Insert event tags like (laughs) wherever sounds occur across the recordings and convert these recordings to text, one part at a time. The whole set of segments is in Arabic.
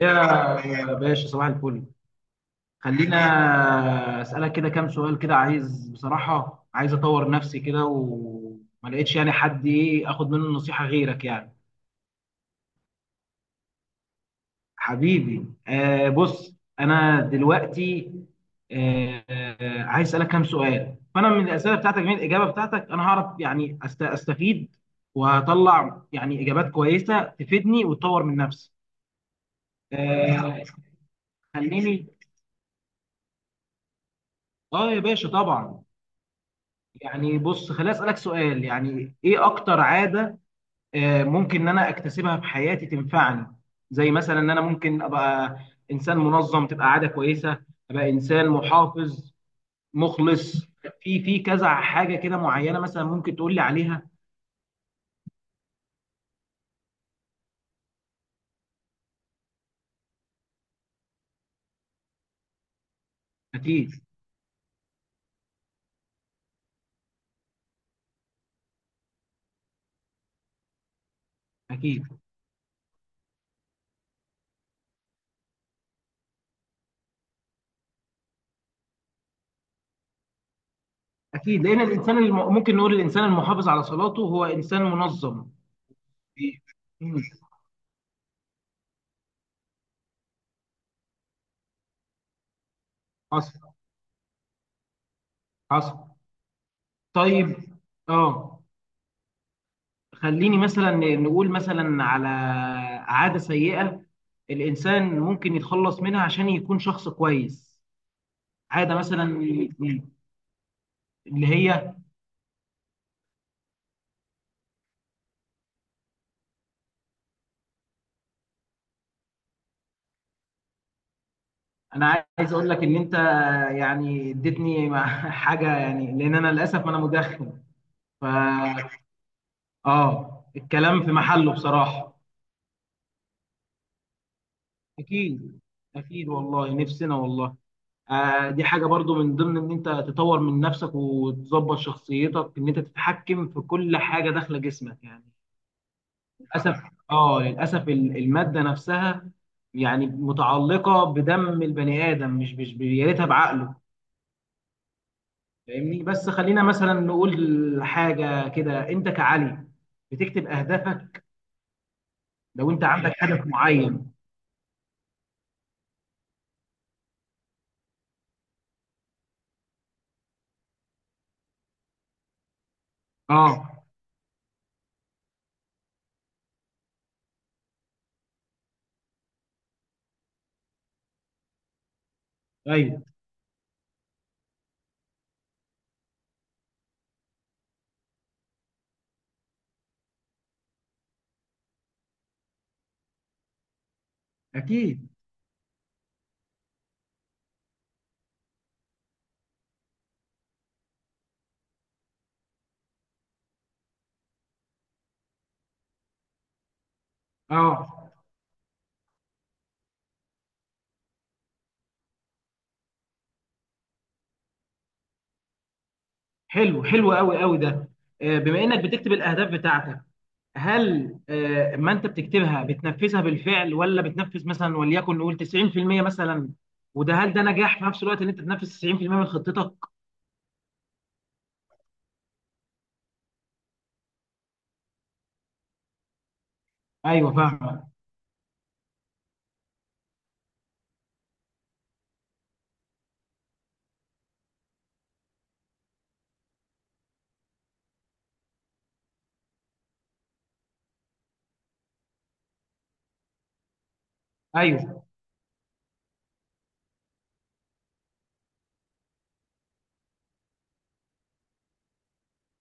يا باشا صباح الفل. خلينا اسالك كده كام سؤال كده، عايز بصراحه، عايز اطور نفسي كده وما لقيتش يعني حد ايه اخد منه نصيحه غيرك يعني. حبيبي، بص انا دلوقتي آه عايز اسالك كام سؤال، فانا من الاسئله بتاعتك، من الاجابه بتاعتك انا هعرف يعني استفيد وهطلع يعني اجابات كويسه تفيدني وتطور من نفسي. آه خليني. اه يا باشا طبعا. يعني بص، خليني اسالك سؤال، يعني ايه اكتر عاده ممكن ان انا اكتسبها في حياتي تنفعني؟ زي مثلا ان انا ممكن ابقى انسان منظم، تبقى عاده كويسه، ابقى انسان محافظ مخلص. في كذا حاجه كده معينه مثلا ممكن تقول لي عليها؟ اكيد. اكيد. اكيد لان الانسان ممكن نقول الانسان المحافظ على صلاته هو انسان منظم. إيه. مم. حصل. حصل. طيب، اه، خليني مثلا نقول مثلا على عادة سيئة الإنسان ممكن يتخلص منها عشان يكون شخص كويس، عادة مثلا اللي هي… أنا عايز أقول لك إن أنت يعني اديتني مع (laughs) حاجة، يعني لأن أنا للأسف أنا مدخن. ف الكلام في محله بصراحة. أكيد. أكيد والله، نفسنا والله. آه، دي حاجة برضو من ضمن إن أنت تطور من نفسك وتظبط شخصيتك، إن أنت تتحكم في كل حاجة داخلة جسمك يعني. للاسف. اه للاسف الماده نفسها يعني متعلقه بدم البني ادم، مش يا ريتها بعقله، فاهمني؟ بس خلينا مثلا نقول حاجه كده، انت كعلي بتكتب اهدافك، لو انت عندك هدف معين. اه. ايوه. اكيد. اه. حلو، حلو قوي قوي ده. آه، بما انك بتكتب الاهداف بتاعتك، هل ما انت بتكتبها بتنفذها بالفعل، ولا بتنفذ مثلا وليكن نقول 90% مثلا؟ وده، هل ده نجاح في نفس الوقت ان انت تنفذ 90% من خطتك؟ ايوه فاهم. ايوه،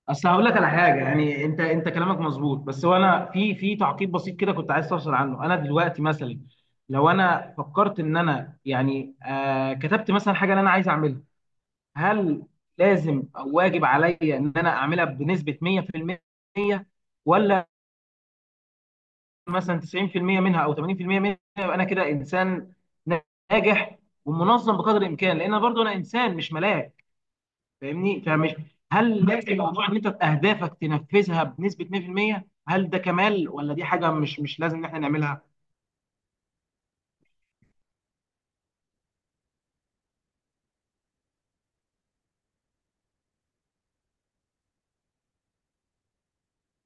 اصل هقول لك على حاجه يعني، انت كلامك مظبوط، بس هو انا في تعقيب بسيط كده كنت عايز اوصل عنه. انا دلوقتي مثلا لو انا فكرت ان انا يعني كتبت مثلا حاجه اللي انا عايز اعملها، هل لازم او واجب عليا ان انا اعملها بنسبه 100%؟ مثلا 90% منها او 80% منها يبقى انا كده انسان ناجح ومنظم بقدر الامكان، لان برضه انا انسان مش ملاك، فاهمني؟ فمش، هل لازم موضوع ان انت اهدافك تنفذها بنسبه 100%؟ هل ده كمال ولا دي حاجه مش لازم ان احنا نعملها؟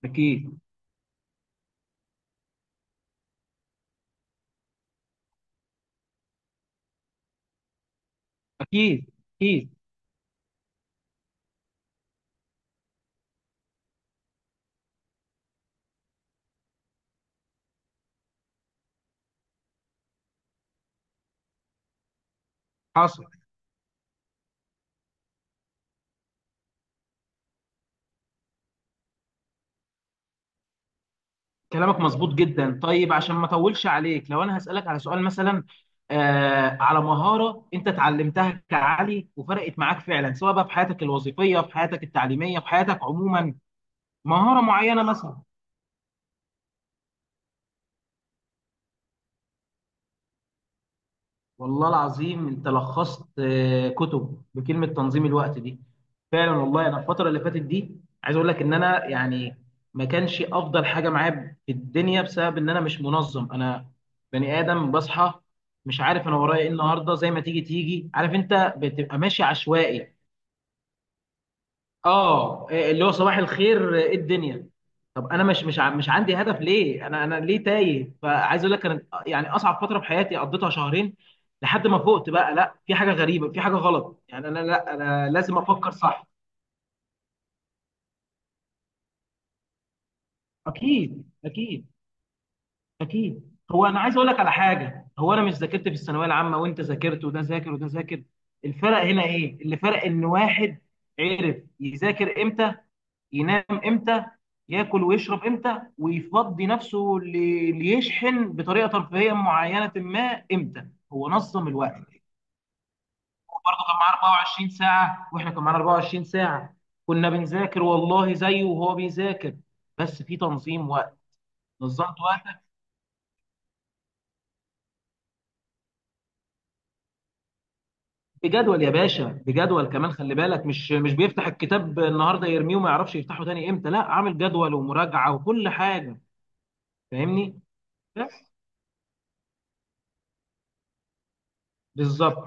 اكيد. اكيد. اكيد. حصل. كلامك مظبوط جدا. طيب عشان ما اطولش عليك، لو انا هسألك على سؤال مثلا على مهارة انت اتعلمتها كعلي وفرقت معاك فعلا، سواء بقى في حياتك الوظيفية، في حياتك التعليمية، في حياتك عموما، مهارة معينة مثلا. والله العظيم انت لخصت كتب بكلمه تنظيم الوقت دي. فعلا والله، انا الفتره اللي فاتت دي عايز اقول لك ان انا يعني ما كانش افضل حاجه معايا في الدنيا بسبب ان انا مش منظم. انا بني ادم بصحى مش عارف انا ورايا ايه النهارده، زي ما تيجي تيجي، عارف؟ انت بتبقى ماشي عشوائي. اه، إيه، اللي هو صباح الخير ايه الدنيا؟ طب انا مش مش عندي هدف ليه، انا ليه تايه؟ فعايز اقول لك كانت يعني اصعب فتره في حياتي قضيتها شهرين لحد ما فقت بقى، لا، في حاجه غريبه، في حاجه غلط يعني، انا لا، انا لازم افكر صح. اكيد. اكيد. اكيد هو انا عايز اقول لك على حاجه، هو انا مش ذاكرت في الثانويه العامه وانت ذاكرت وده ذاكر وده ذاكر. الفرق هنا ايه؟ اللي فرق ان واحد عرف يذاكر امتى، ينام امتى، ياكل ويشرب امتى، ويفضي نفسه ليشحن بطريقه ترفيهيه معينه ما امتى. هو نظم الوقت. هو برضه كان معاه 24 ساعه واحنا كان معانا 24 ساعه، كنا بنذاكر والله زيه وهو بيذاكر، بس في تنظيم وقت. نظمت وقتك بجدول يا باشا، بجدول كمان، خلي بالك، مش بيفتح الكتاب النهارده يرميه وما يعرفش يفتحه تاني امتى، لا، عامل جدول ومراجعه وكل حاجه، فاهمني؟ بس بالظبط.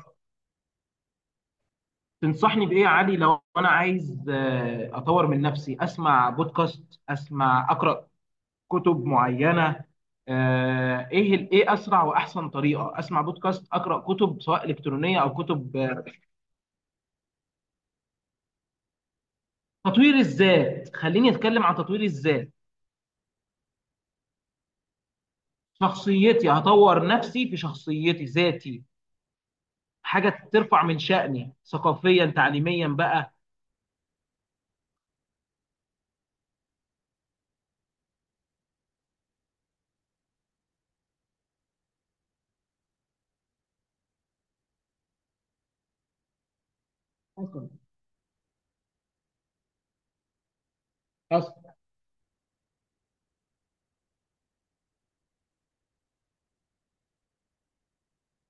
تنصحني بايه يا علي لو انا عايز اطور من نفسي؟ اسمع بودكاست، اسمع، اقرا كتب معينه، ايه ايه اسرع واحسن طريقه، اسمع بودكاست، اقرا كتب سواء الكترونيه او كتب، تطوير الذات، خليني اتكلم عن تطوير الذات. شخصيتي، هطور نفسي في شخصيتي، ذاتي، حاجه ترفع من شأني ثقافيا تعليميا بقى. حصل. حصل.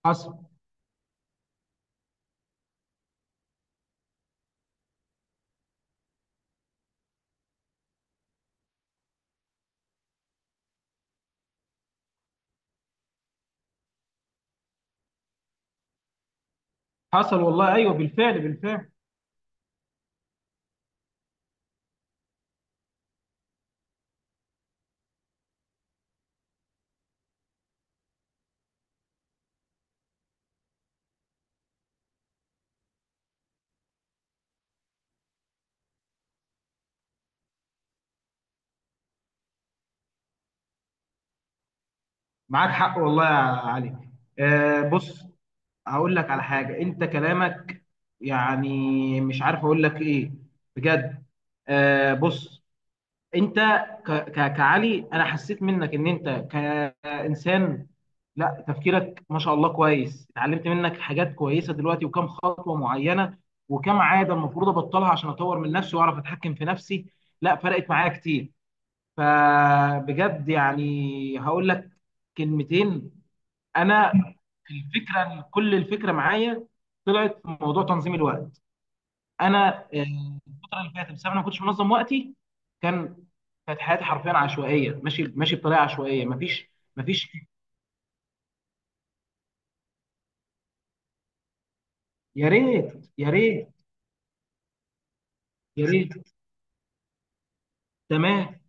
حصل. حصل والله، ايوه بالفعل بالفعل. معاك حق والله يا علي. بص، هقول لك على حاجة، انت كلامك يعني مش عارف اقول لك ايه بجد. بص، انت، ك ك كعلي انا حسيت منك ان انت كإنسان، لا، تفكيرك ما شاء الله كويس، اتعلمت منك حاجات كويسة دلوقتي، وكم خطوة معينة وكم عادة المفروض ابطلها عشان اطور من نفسي واعرف اتحكم في نفسي، لا، فرقت معايا كتير، فبجد يعني هقول لك كلمتين. انا في الفكره، كل الفكره معايا طلعت في موضوع تنظيم الوقت. انا الفتره اللي فاتت بسبب إن انا ما كنتش منظم وقتي، كان كانت حياتي حرفيا عشوائيه، ماشي ماشي بطريقه عشوائيه، مفيش، مفيش يا ريت، يا ريت، يا ريت. تمام.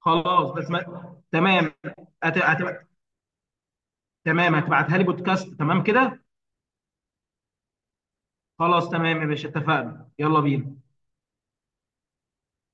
خلاص بس ما... تمام. أت... أت... تمام، هتبعتها لي بودكاست تمام كده. خلاص تمام يا باشا، اتفقنا، يلا بينا.